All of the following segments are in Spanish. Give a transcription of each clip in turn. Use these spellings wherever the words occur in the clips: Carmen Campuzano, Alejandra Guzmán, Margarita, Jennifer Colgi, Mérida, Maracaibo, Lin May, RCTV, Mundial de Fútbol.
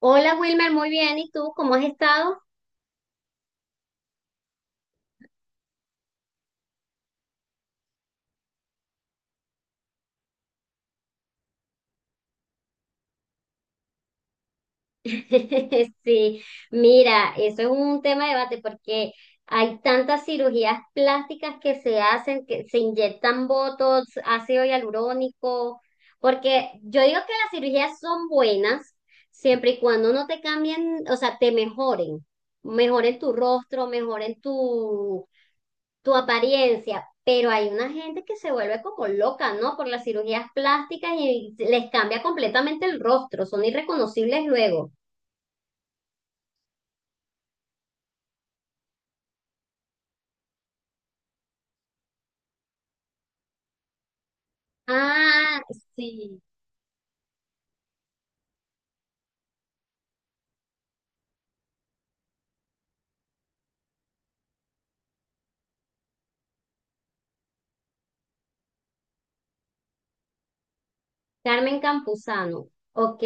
Hola Wilmer, muy bien. ¿Y tú cómo has estado? Sí, mira, eso es un tema de debate porque hay tantas cirugías plásticas que se hacen, que se inyectan botox, ácido hialurónico, porque yo digo que las cirugías son buenas siempre y cuando no te cambien, o sea, te mejoren, mejoren tu rostro, mejoren tu apariencia, pero hay una gente que se vuelve como loca, ¿no? Por las cirugías plásticas y les cambia completamente el rostro, son irreconocibles luego. Ah, sí, Carmen Campuzano. Ok,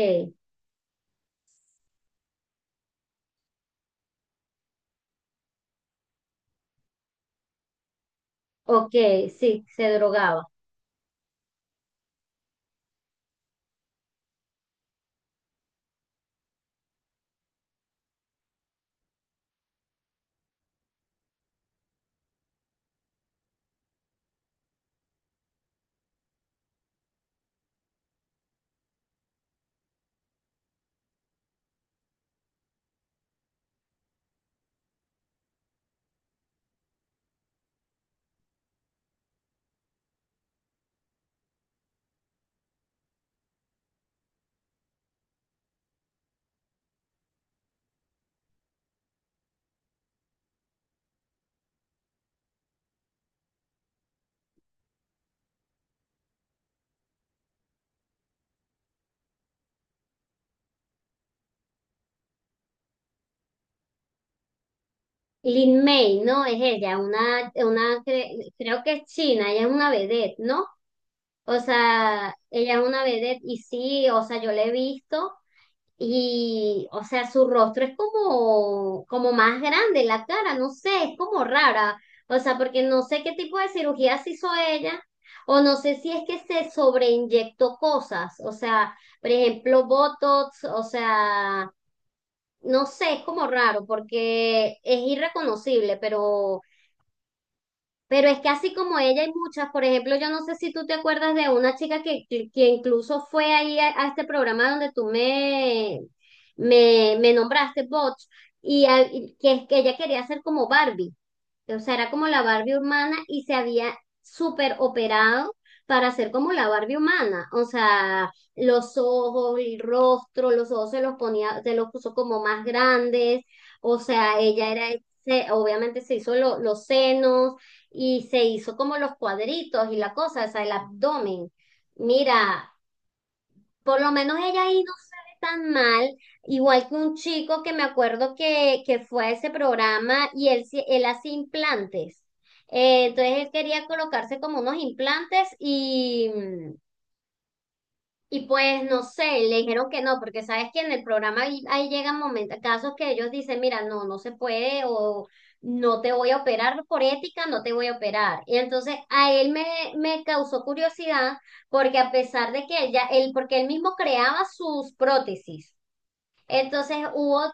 ok, sí, se drogaba. Lin May, ¿no? Es ella, creo que es china, ella es una vedette, ¿no? O sea, ella es una vedette y sí, o sea, yo la he visto y, o sea, su rostro es como, como más grande, la cara, no sé, es como rara, o sea, porque no sé qué tipo de cirugías hizo ella, o no sé si es que se sobreinyectó cosas, o sea, por ejemplo, Botox, o sea... No sé, es como raro porque es irreconocible, pero es que así como ella hay muchas, por ejemplo, yo no sé si tú te acuerdas de una chica que incluso fue ahí a este programa donde tú me nombraste, Bots, y, y que, es que ella quería ser como Barbie. O sea, era como la Barbie humana y se había súper operado para ser como la Barbie humana. O sea, los ojos, el rostro, los ojos se los ponía, se los puso como más grandes. O sea, ella era, obviamente se hizo los senos y se hizo como los cuadritos y la cosa, o sea, el abdomen. Mira, por lo menos ella ahí no se ve tan mal, igual que un chico que me acuerdo que fue a ese programa y él, él hace implantes. Entonces él quería colocarse como unos implantes y pues no sé, le dijeron que no, porque sabes que en el programa ahí llegan momentos, casos que ellos dicen, mira, no, no se puede o no te voy a operar por ética, no te voy a operar. Y entonces me causó curiosidad porque a pesar de que él ya, él, porque él mismo creaba sus prótesis, entonces hubo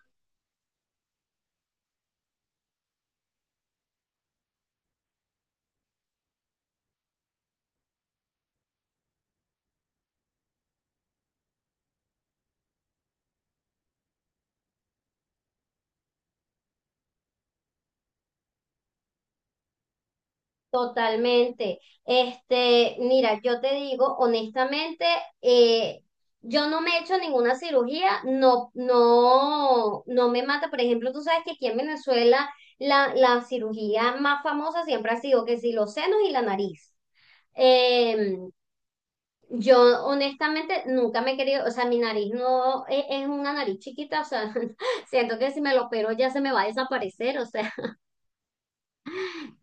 Totalmente. Este, mira, yo te digo, honestamente, eh, yo no me he hecho ninguna cirugía, no, no, no me mata. Por ejemplo, tú sabes que aquí en Venezuela la cirugía más famosa siempre ha sido que si los senos y la nariz. Eh, yo honestamente nunca me he querido, o sea, mi nariz no es, es una nariz chiquita, o sea, siento que si me lo opero ya se me va a desaparecer, o sea.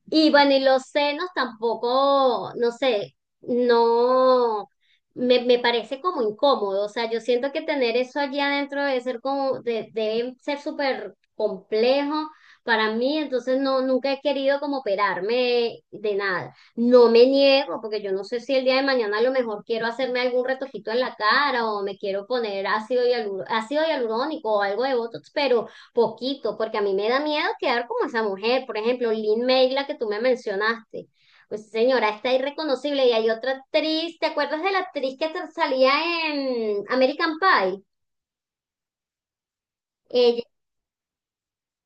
Y bueno, y los senos tampoco, no sé, no, me parece como incómodo, o sea, yo siento que tener eso allí adentro debe ser como, debe ser súper complejo para mí, entonces no, nunca he querido como operarme de nada. No me niego, porque yo no sé si el día de mañana a lo mejor quiero hacerme algún retojito en la cara o me quiero poner ácido hialurónico o algo de Botox, pero Poquito, porque a mí me da miedo quedar como esa mujer. Por ejemplo, Lynn May, la que tú me mencionaste. Pues señora, está irreconocible. Y hay otra actriz, ¿te acuerdas de la actriz que salía en American Pie? Ella,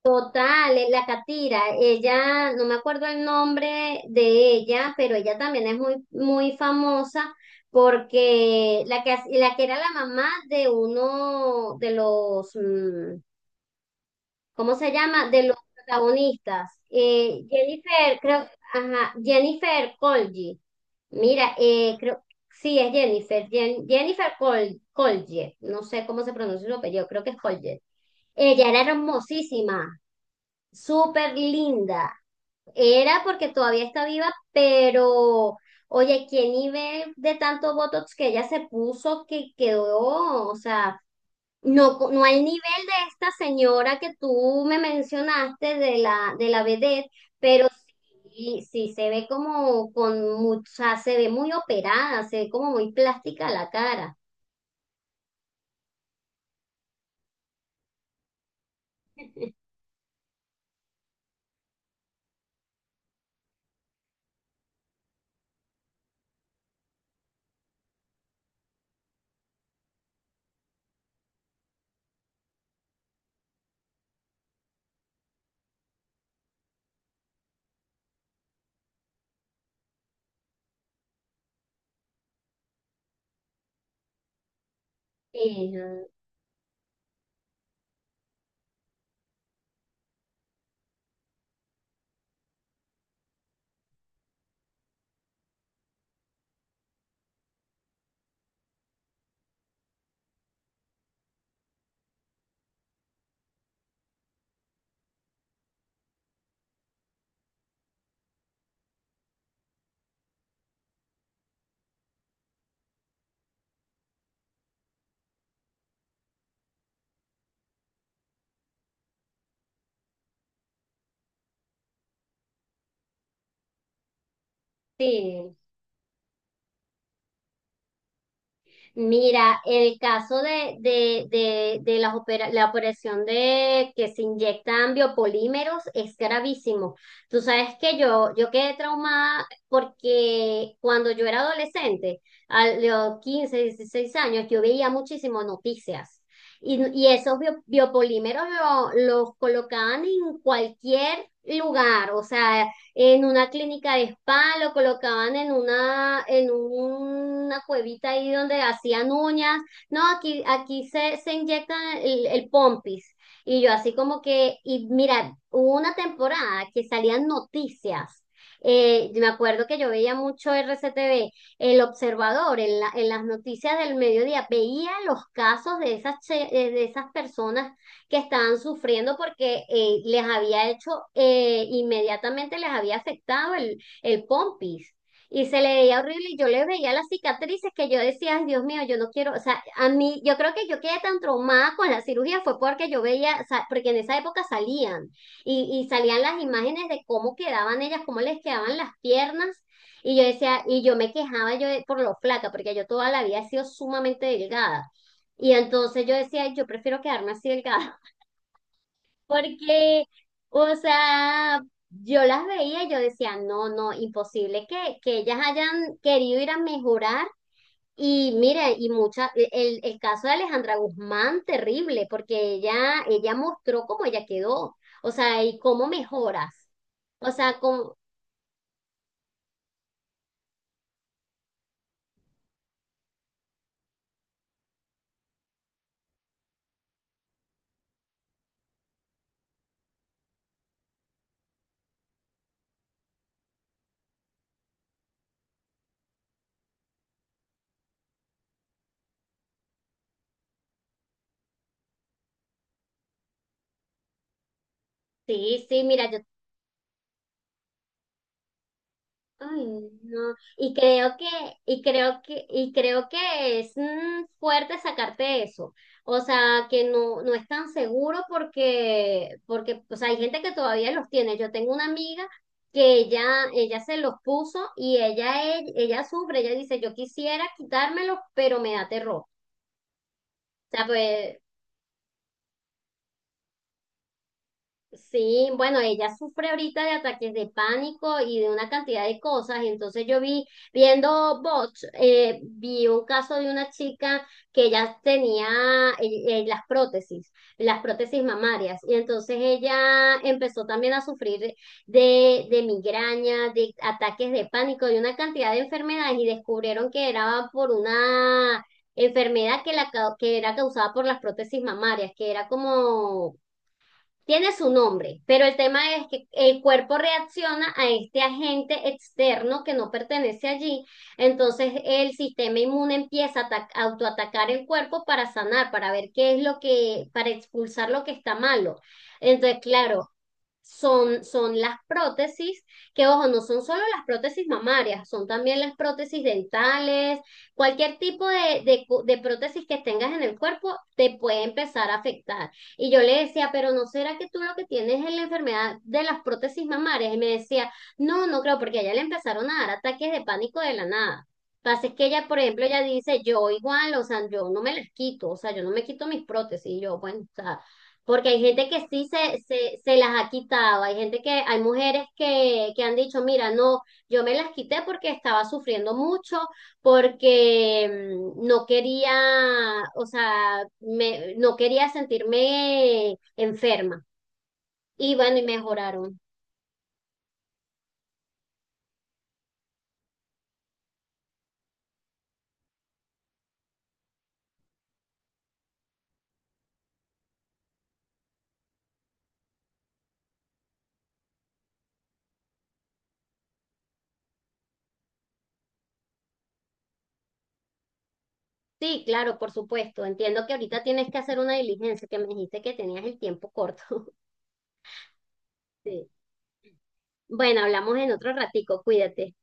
otra, la Catira, ella, no me acuerdo el nombre de ella, pero ella también es muy, muy famosa porque la que, la que era la mamá de uno de los, ¿cómo se llama? De los protagonistas. Jennifer, creo, ajá, Jennifer Colgi. Mira, creo, sí, es Jennifer, Jennifer Colge, no sé cómo se pronuncia su apellido, creo que es Colge. Ella era hermosísima, súper linda. Era porque todavía está viva, pero oye, qué nivel de tanto Botox que ella se puso que quedó, o sea, no, no al nivel de esta señora que tú me mencionaste de la vedette, pero sí, sí se ve como con mucha, se ve muy operada, se ve como muy plástica la cara. Sí, sí. Mira, el caso de las la operación de que se inyectan biopolímeros es gravísimo. Tú sabes que yo quedé traumada porque cuando yo era adolescente, a los 15 16 años, yo veía muchísimas noticias. Y esos biopolímeros los colocaban en cualquier lugar, o sea, en una clínica de spa, lo colocaban en una cuevita ahí donde hacían uñas. No, aquí se inyectan el pompis. Y yo así como que, y mira, hubo una temporada que salían noticias. Me acuerdo que yo veía mucho RCTV, el observador en, en las noticias del mediodía, veía los casos de esas, de esas personas que estaban sufriendo porque les había hecho, inmediatamente les había afectado el pompis. Y se le veía horrible y yo le veía las cicatrices que yo decía, ay Dios mío, yo no quiero, o sea, a mí, yo creo que yo quedé tan traumada con la cirugía fue porque yo veía, o sea, porque en esa época salían y salían las imágenes de cómo quedaban ellas, cómo les quedaban las piernas. Y yo decía, y yo me quejaba yo por lo flaca, porque yo toda la vida he sido sumamente delgada. Y entonces yo decía, "Ay, yo prefiero quedarme así delgada. Porque, o sea, yo las veía y yo decía, no, no, imposible que ellas hayan querido ir a mejorar. Y mire, y mucha, e, el caso de Alejandra Guzmán, terrible, porque ella mostró cómo ella quedó, o sea, y cómo mejoras. O sea, con, sí, sí, mira, yo Ay, no. Y creo que es fuerte sacarte eso. O sea, que no, no es tan seguro porque, porque, o sea, hay gente que todavía los tiene. Yo tengo una amiga que ella se los puso y ella sufre, ella dice, yo quisiera quitármelos, pero me da terror. O sea, pues, Sí, bueno, ella sufre ahorita de ataques de pánico y de una cantidad de cosas. Entonces yo vi, viendo bots, vi un caso de una chica que ella tenía las prótesis mamarias. Y entonces ella empezó también a sufrir de migraña, de ataques de pánico, de una cantidad de enfermedades y descubrieron que era por una enfermedad que, que era causada por las prótesis mamarias, que era como tiene su nombre, pero el tema es que el cuerpo reacciona a este agente externo que no pertenece allí, entonces el sistema inmune empieza a autoatacar el cuerpo para sanar, para ver qué es lo que, para expulsar lo que está malo. Entonces, claro, son, son las prótesis, que ojo, no son solo las prótesis mamarias, son también las prótesis dentales, cualquier tipo de prótesis que tengas en el cuerpo te puede empezar a afectar. Y yo le decía, pero ¿no será que tú lo que tienes es la enfermedad de las prótesis mamarias? Y me decía, no, no creo, porque a ella le empezaron a dar ataques de pánico de la nada. Pasa es que ella, por ejemplo, ella dice, yo igual, o sea, yo no me las quito, o sea, yo no me quito mis prótesis, y yo, bueno, o sea, porque hay gente que sí se las ha quitado, hay gente que, hay mujeres que han dicho, mira, no, yo me las quité porque estaba sufriendo mucho, porque no quería, o sea, no quería sentirme enferma. Y bueno, y mejoraron. Sí, claro, por supuesto. Entiendo que ahorita tienes que hacer una diligencia, que me dijiste que tenías el tiempo corto. Sí. Bueno, hablamos en otro ratico, cuídate.